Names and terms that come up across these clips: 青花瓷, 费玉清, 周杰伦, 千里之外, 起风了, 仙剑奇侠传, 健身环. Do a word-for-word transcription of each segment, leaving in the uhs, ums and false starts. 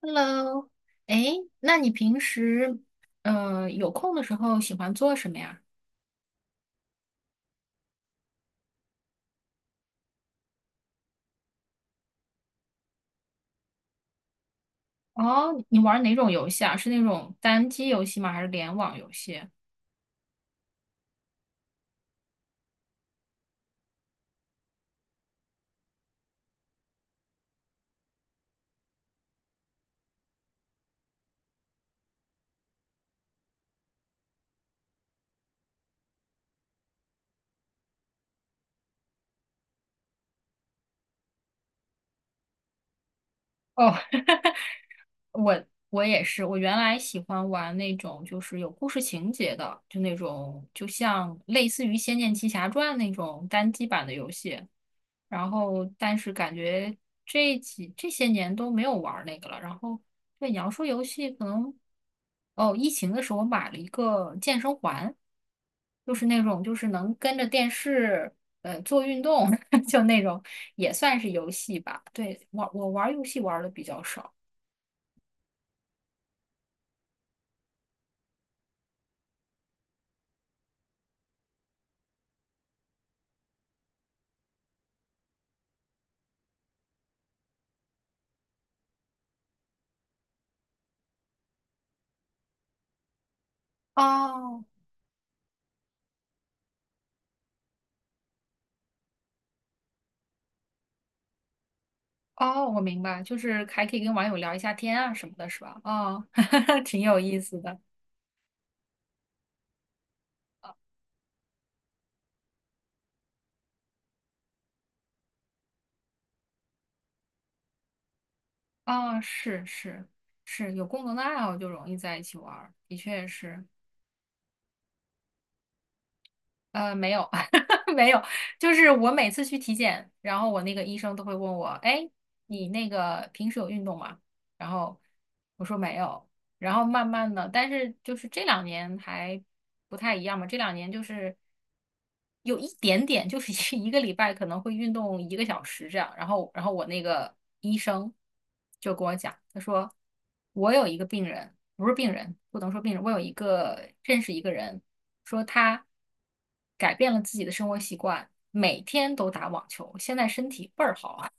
Hello，哎，那你平时呃有空的时候喜欢做什么呀？哦，你玩哪种游戏啊？是那种单机游戏吗？还是联网游戏？哦，我我也是，我原来喜欢玩那种就是有故事情节的，就那种就像类似于《仙剑奇侠传》那种单机版的游戏，然后但是感觉这几这些年都没有玩儿那个了。然后对你要说游戏，可能哦，疫情的时候我买了一个健身环，就是那种就是能跟着电视呃做运动，就那种也算是游戏吧。对，玩我玩儿游戏玩的比较少。哦哦，我明白，就是还可以跟网友聊一下天啊什么的，是吧？哦，挺有意思的。哦，是是是，有共同的爱好就容易在一起玩儿，的确是。呃，没有 没有，就是我每次去体检，然后我那个医生都会问我，哎，你那个平时有运动吗？然后我说没有，然后慢慢的，但是就是这两年还不太一样嘛，这两年就是。有一点点，就是一一个礼拜可能会运动一个小时这样。然后，然后我那个医生就跟我讲，他说我有一个病人，不是病人，不能说病人，我有一个认识一个人，说他改变了自己的生活习惯，每天都打网球，现在身体倍儿好啊，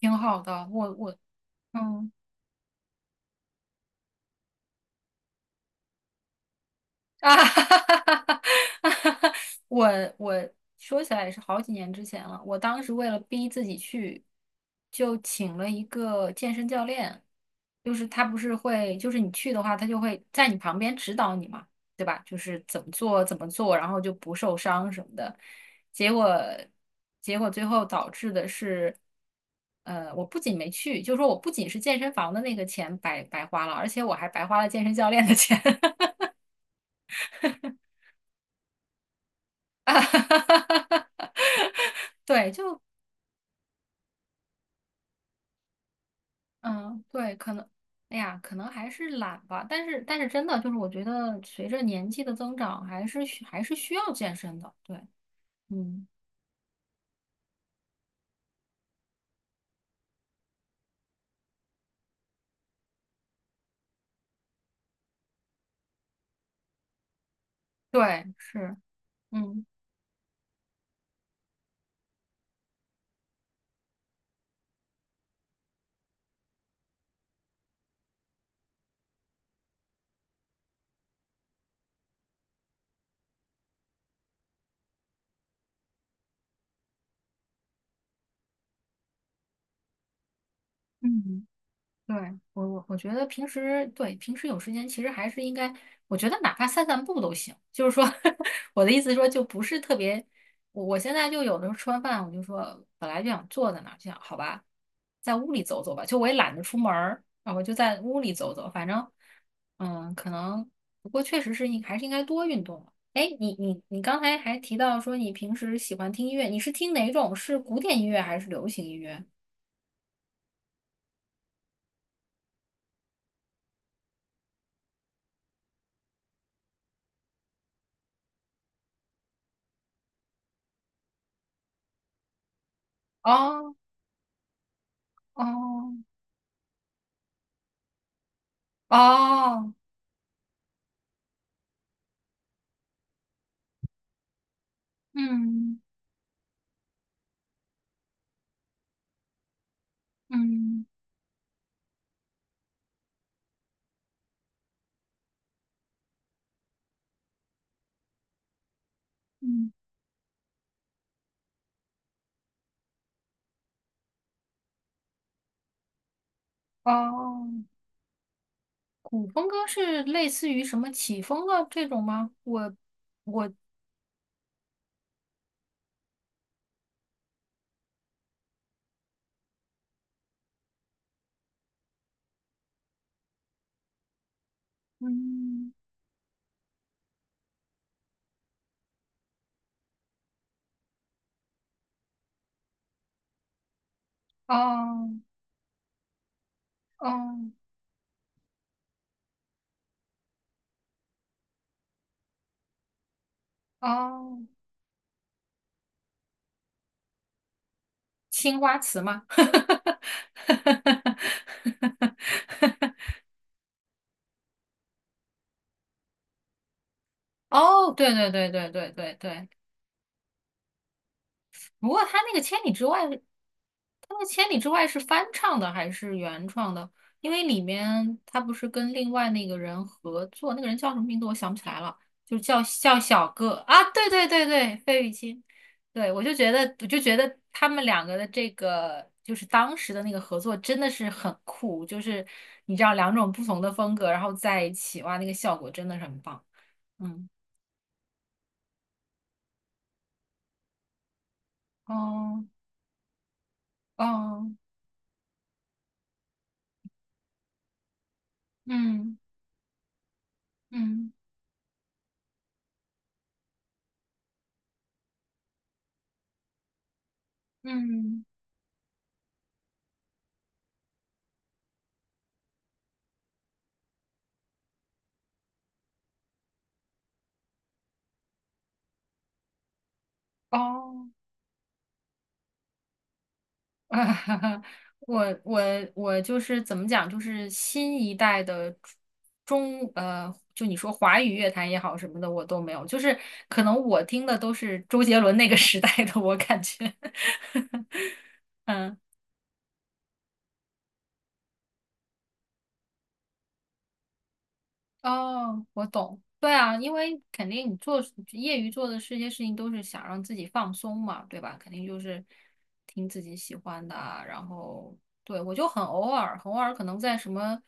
挺好的。我我嗯。啊哈哈哈哈哈！我我说起来也是好几年之前了。我当时为了逼自己去，就请了一个健身教练，就是他不是会，就是你去的话，他就会在你旁边指导你嘛，对吧？就是怎么做怎么做，然后就不受伤什么的。结果结果最后导致的是，呃，我不仅没去，就说我不仅是健身房的那个钱白白花了，而且我还白花了健身教练的钱。啊哈哈哈哈！对，嗯，对，可能，哎呀，可能还是懒吧。但是，但是真的就是，我觉得随着年纪的增长，还是需还是需要健身的。对，嗯，对，是，嗯嗯。对，我我我觉得平时对平时有时间，其实还是应该，我觉得哪怕散散步都行。就是说，我的意思是说，就不是特别。我我现在就有的时候吃完饭，我就说本来就想坐在那儿，就想好吧，在屋里走走吧。就我也懒得出门儿，然后就在屋里走走。反正，嗯，可能不过确实是应还是应该多运动了。哎，你你你刚才还提到说你平时喜欢听音乐，你是听哪种？是古典音乐还是流行音乐？哦哦哦，嗯嗯嗯，哦，古风歌是类似于什么起风了这种吗？我嗯，哦哦哦，青花瓷吗？哦，对对对对对对对，不过他那个《千里之外》，他那个《千里之外》是翻唱的还是原创的？因为里面他不是跟另外那个人合作，那个人叫什么名字我想不起来了，就叫叫小个啊，对对对对，费玉清，对我就觉得我就觉得他们两个的这个就是当时的那个合作真的是很酷，就是你知道两种不同的风格然后在一起，哇，那个效果真的是很棒，嗯，哦哦，嗯嗯嗯。哦，啊哈哈，我我我就是怎么讲，就是新一代的中呃，就你说华语乐坛也好什么的，我都没有，就是可能我听的都是周杰伦那个时代的，我感觉，嗯。哦，我懂。对啊，因为肯定你做业余做的这些事情都是想让自己放松嘛，对吧？肯定就是听自己喜欢的啊然后对我就很偶尔，很偶尔可能在什么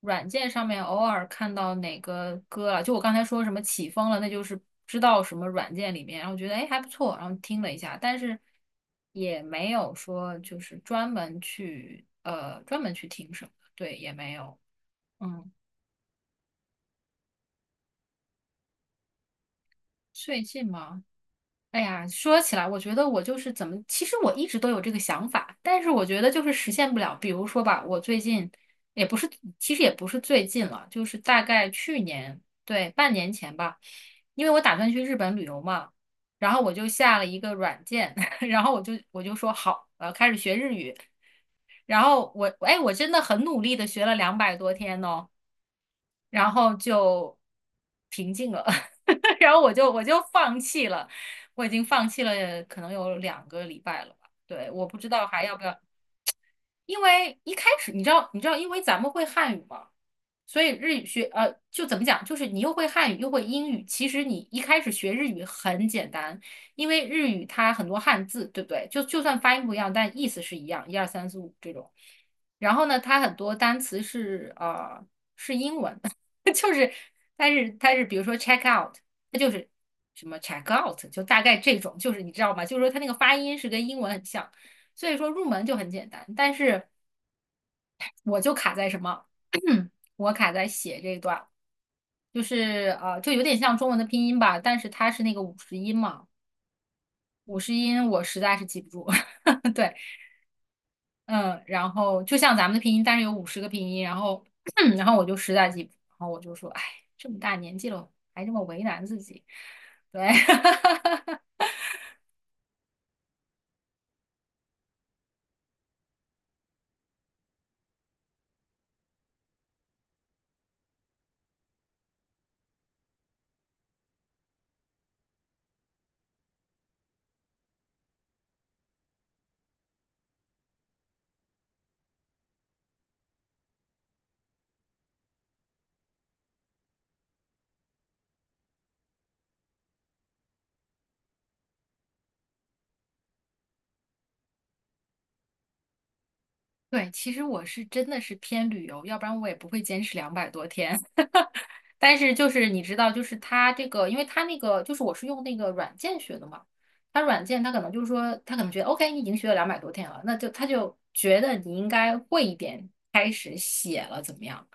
软件上面偶尔看到哪个歌了，就我刚才说什么起风了，那就是知道什么软件里面，然后觉得哎还不错，然后听了一下，但是也没有说就是专门去呃专门去听什么，对，也没有。嗯，最近吗？哎呀，说起来，我觉得我就是怎么，其实我一直都有这个想法，但是我觉得就是实现不了。比如说吧，我最近也不是，其实也不是最近了，就是大概去年，对，半年前吧，因为我打算去日本旅游嘛，然后我就下了一个软件，然后我就我就说好，我要开始学日语，然后我，哎，我真的很努力的学了两百多天哦。然后就平静了，然后我就我就放弃了，我已经放弃了，可能有两个礼拜了吧。对，我不知道还要不要。因为一开始你知道，你知道，因为咱们会汉语嘛，所以日语学呃，就怎么讲，就是你又会汉语又会英语，其实你一开始学日语很简单，因为日语它很多汉字，对不对？就就算发音不一样，但意思是一样，一二三四五这种。然后呢，它很多单词是呃是英文，就是它是它是比如说 check out，它就是什么 check out，就大概这种，就是你知道吗？就是说它那个发音是跟英文很像。所以说入门就很简单，但是我就卡在什么？我卡在写这一段，就是呃，就有点像中文的拼音吧，但是它是那个五十音嘛，五十音我实在是记不住。对，嗯，然后就像咱们的拼音，但是有五十个拼音，然后 然后我就实在记不住，然后我就说，哎，这么大年纪了，还这么为难自己。对，对，其实我是真的是偏旅游，要不然我也不会坚持两百多天。但是就是你知道，就是他这个，因为他那个就是我是用那个软件学的嘛，他软件他可能就是说，他可能觉得 OK，你已经学了两百多天了，那就他就觉得你应该会一点，开始写了怎么样？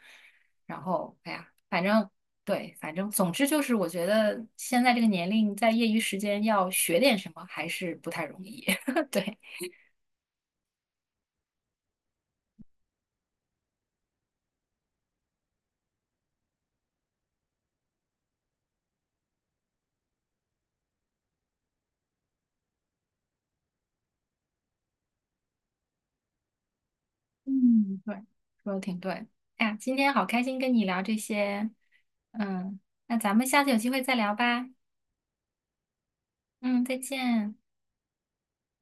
然后哎呀，反正对，反正总之就是，我觉得现在这个年龄在业余时间要学点什么还是不太容易。对，嗯，对，说的挺对。哎呀，今天好开心跟你聊这些，嗯，那咱们下次有机会再聊吧。嗯，再见。